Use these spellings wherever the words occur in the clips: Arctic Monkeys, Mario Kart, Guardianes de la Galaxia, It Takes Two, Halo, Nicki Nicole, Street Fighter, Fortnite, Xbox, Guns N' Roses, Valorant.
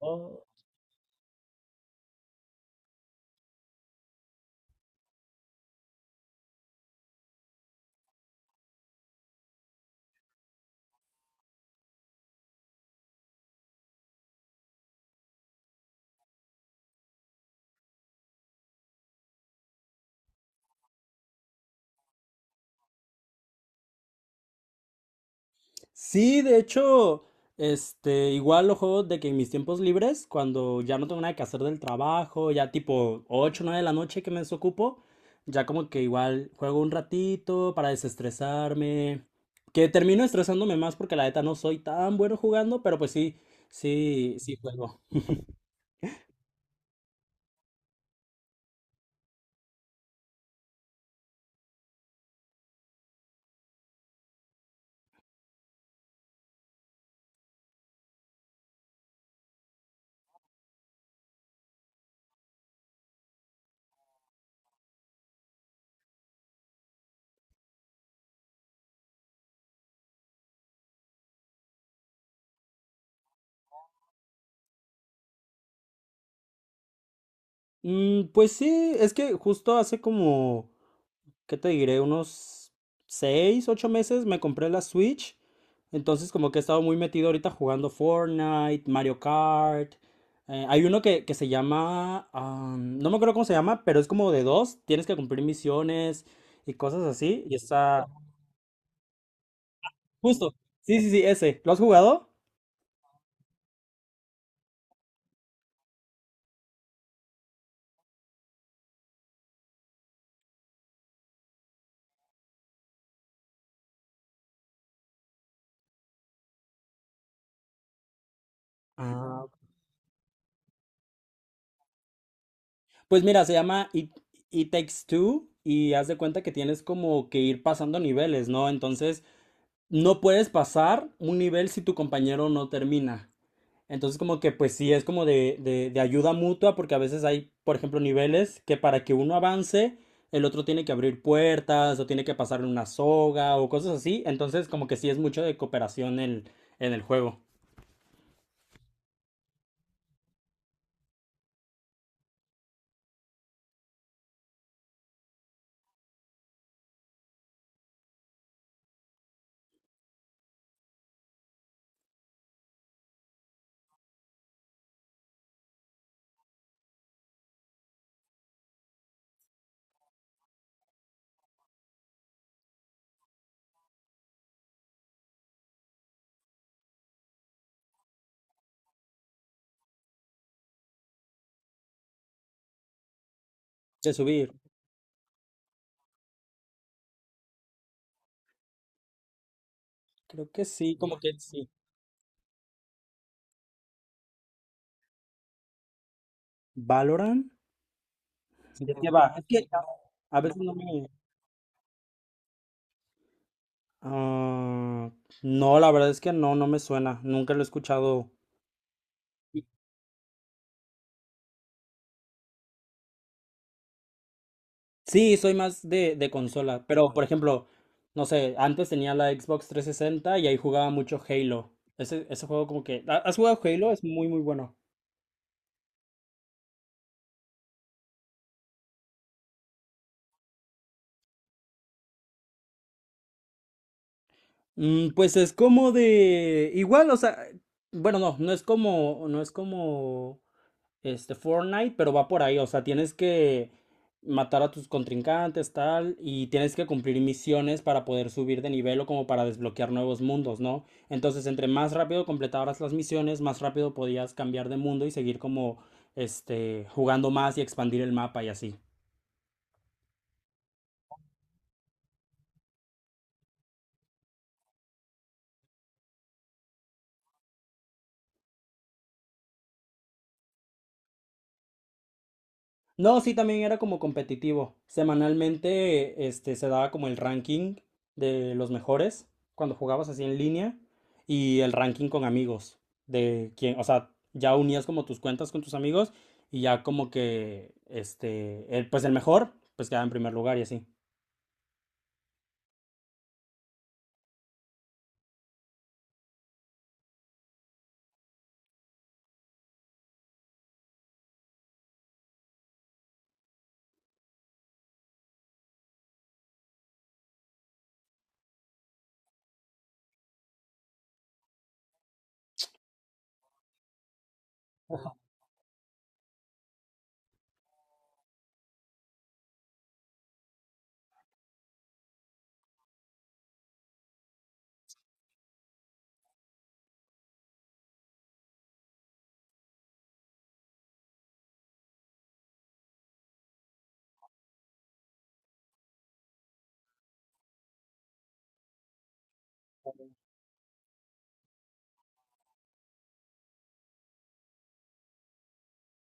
Oh, sí, de hecho, este, igual lo juego de que en mis tiempos libres, cuando ya no tengo nada que hacer del trabajo, ya tipo 8 o 9 de la noche que me desocupo, ya como que igual juego un ratito para desestresarme, que termino estresándome más porque la neta no soy tan bueno jugando, pero pues sí, sí, sí juego. Mm, pues sí, es que justo hace como ¿qué te diré? Unos 6, 8 meses me compré la Switch. Entonces como que he estado muy metido ahorita jugando Fortnite, Mario Kart. Hay uno que se llama, ah, no me acuerdo cómo se llama, pero es como de dos. Tienes que cumplir misiones y cosas así. Y está justo. Sí, sí, sí, ese. ¿Lo has jugado? Ah, pues mira, se llama It Takes Two y haz de cuenta que tienes como que ir pasando niveles, ¿no? Entonces, no puedes pasar un nivel si tu compañero no termina. Entonces como que pues sí es como de ayuda mutua porque a veces hay, por ejemplo, niveles que para que uno avance, el otro tiene que abrir puertas o tiene que pasarle una soga o cosas así. Entonces como que sí es mucho de cooperación en el juego. De subir. Creo que sí, como que sí. ¿Valorant? ¿De qué va? Es que a veces no me... Ah, no, la verdad es que no, no me suena. Nunca lo he escuchado. Sí, soy más de consola, pero por ejemplo, no sé, antes tenía la Xbox 360 y ahí jugaba mucho Halo. Ese juego como que... ¿Has jugado Halo? Es muy, muy bueno. Mm, pues es como de... Igual, o sea, bueno, no, no es como este Fortnite, pero va por ahí, o sea, tienes que matar a tus contrincantes, tal, y tienes que cumplir misiones para poder subir de nivel o como para desbloquear nuevos mundos, ¿no? Entonces, entre más rápido completabas las misiones, más rápido podías cambiar de mundo y seguir como, este, jugando más y expandir el mapa y así. No, sí, también era como competitivo. Semanalmente, este, se daba como el ranking de los mejores cuando jugabas así en línea y el ranking con amigos de quién, o sea, ya unías como tus cuentas con tus amigos y ya como que, este, pues el mejor, pues quedaba en primer lugar y así.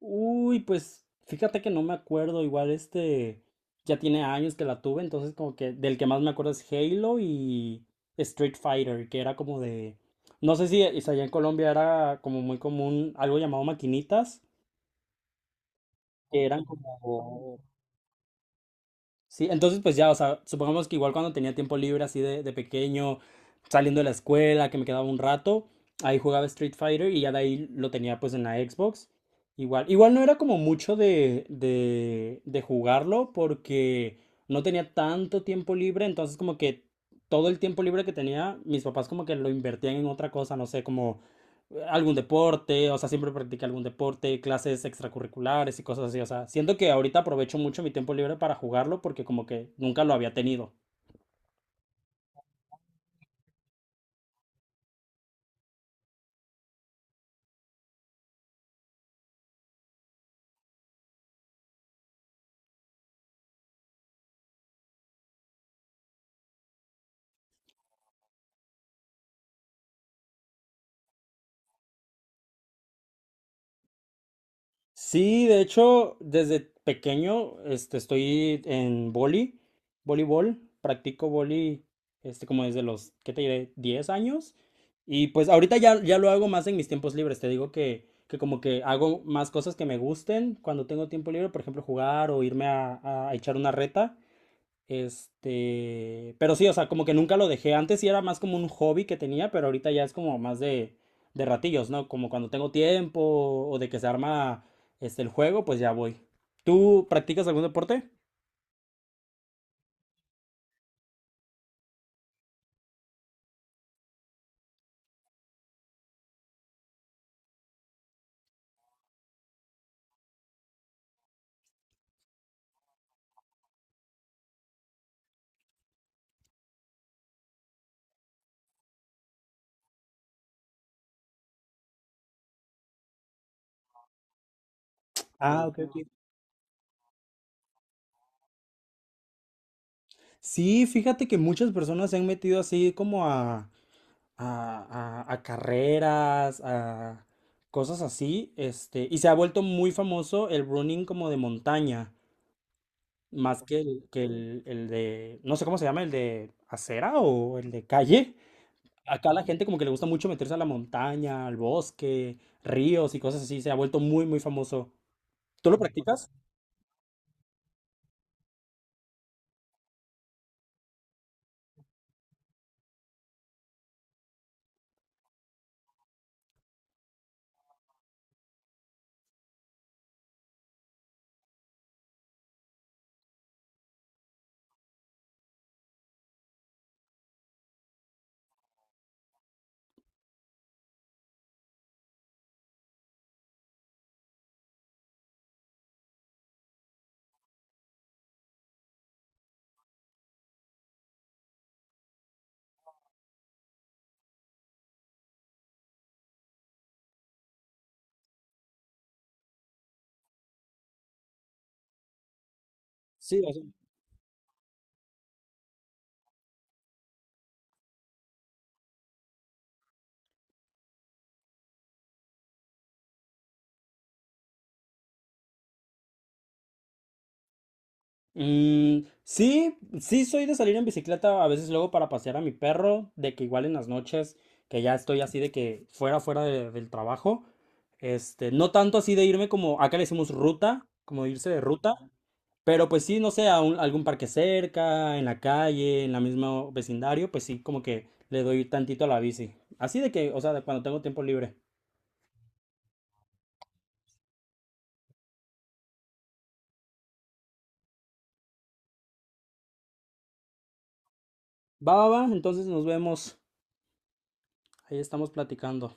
Uy, pues fíjate que no me acuerdo, igual este ya tiene años que la tuve, entonces como que del que más me acuerdo es Halo y Street Fighter, que era como de, no sé si es allá en Colombia era como muy común algo llamado maquinitas, que eran como... Sí, entonces pues ya, o sea, supongamos que igual cuando tenía tiempo libre así de pequeño, saliendo de la escuela, que me quedaba un rato, ahí jugaba Street Fighter y ya de ahí lo tenía pues en la Xbox. Igual, igual no era como mucho de jugarlo porque no tenía tanto tiempo libre, entonces como que todo el tiempo libre que tenía, mis papás como que lo invertían en otra cosa, no sé, como algún deporte, o sea, siempre practiqué algún deporte, clases extracurriculares y cosas así, o sea, siento que ahorita aprovecho mucho mi tiempo libre para jugarlo porque como que nunca lo había tenido. Sí, de hecho, desde pequeño, este, estoy en vóley, voleibol, practico vóley, este, como desde los, ¿qué te diré? 10 años. Y pues ahorita ya, ya lo hago más en mis tiempos libres, te digo que como que hago más cosas que me gusten cuando tengo tiempo libre, por ejemplo, jugar o irme a echar una reta. Este, pero sí, o sea, como que nunca lo dejé. Antes sí era más como un hobby que tenía, pero ahorita ya es como más de ratillos, ¿no? Como cuando tengo tiempo o de que se arma este el juego, pues ya voy. ¿Tú practicas algún deporte? Ah, ok, ok. Sí, fíjate que muchas personas se han metido así como a carreras, a cosas así, este, y se ha vuelto muy famoso el running como de montaña. Más que el de, no sé cómo se llama, el de acera o el de calle. Acá la gente como que le gusta mucho meterse a la montaña, al bosque, ríos y cosas así. Se ha vuelto muy, muy famoso. ¿Tú lo practicas? Sí, o sea, mm, sí, sí soy de salir en bicicleta a veces luego para pasear a mi perro, de que igual en las noches, que ya estoy así de que fuera del trabajo. Este, no tanto así de irme como, acá le decimos ruta, como irse de ruta. Pero pues sí, no sé, algún parque cerca, en la calle, en la misma vecindario, pues sí, como que le doy tantito a la bici. Así de que, o sea, de cuando tengo tiempo libre. Va, va, va, entonces nos vemos. Ahí estamos platicando.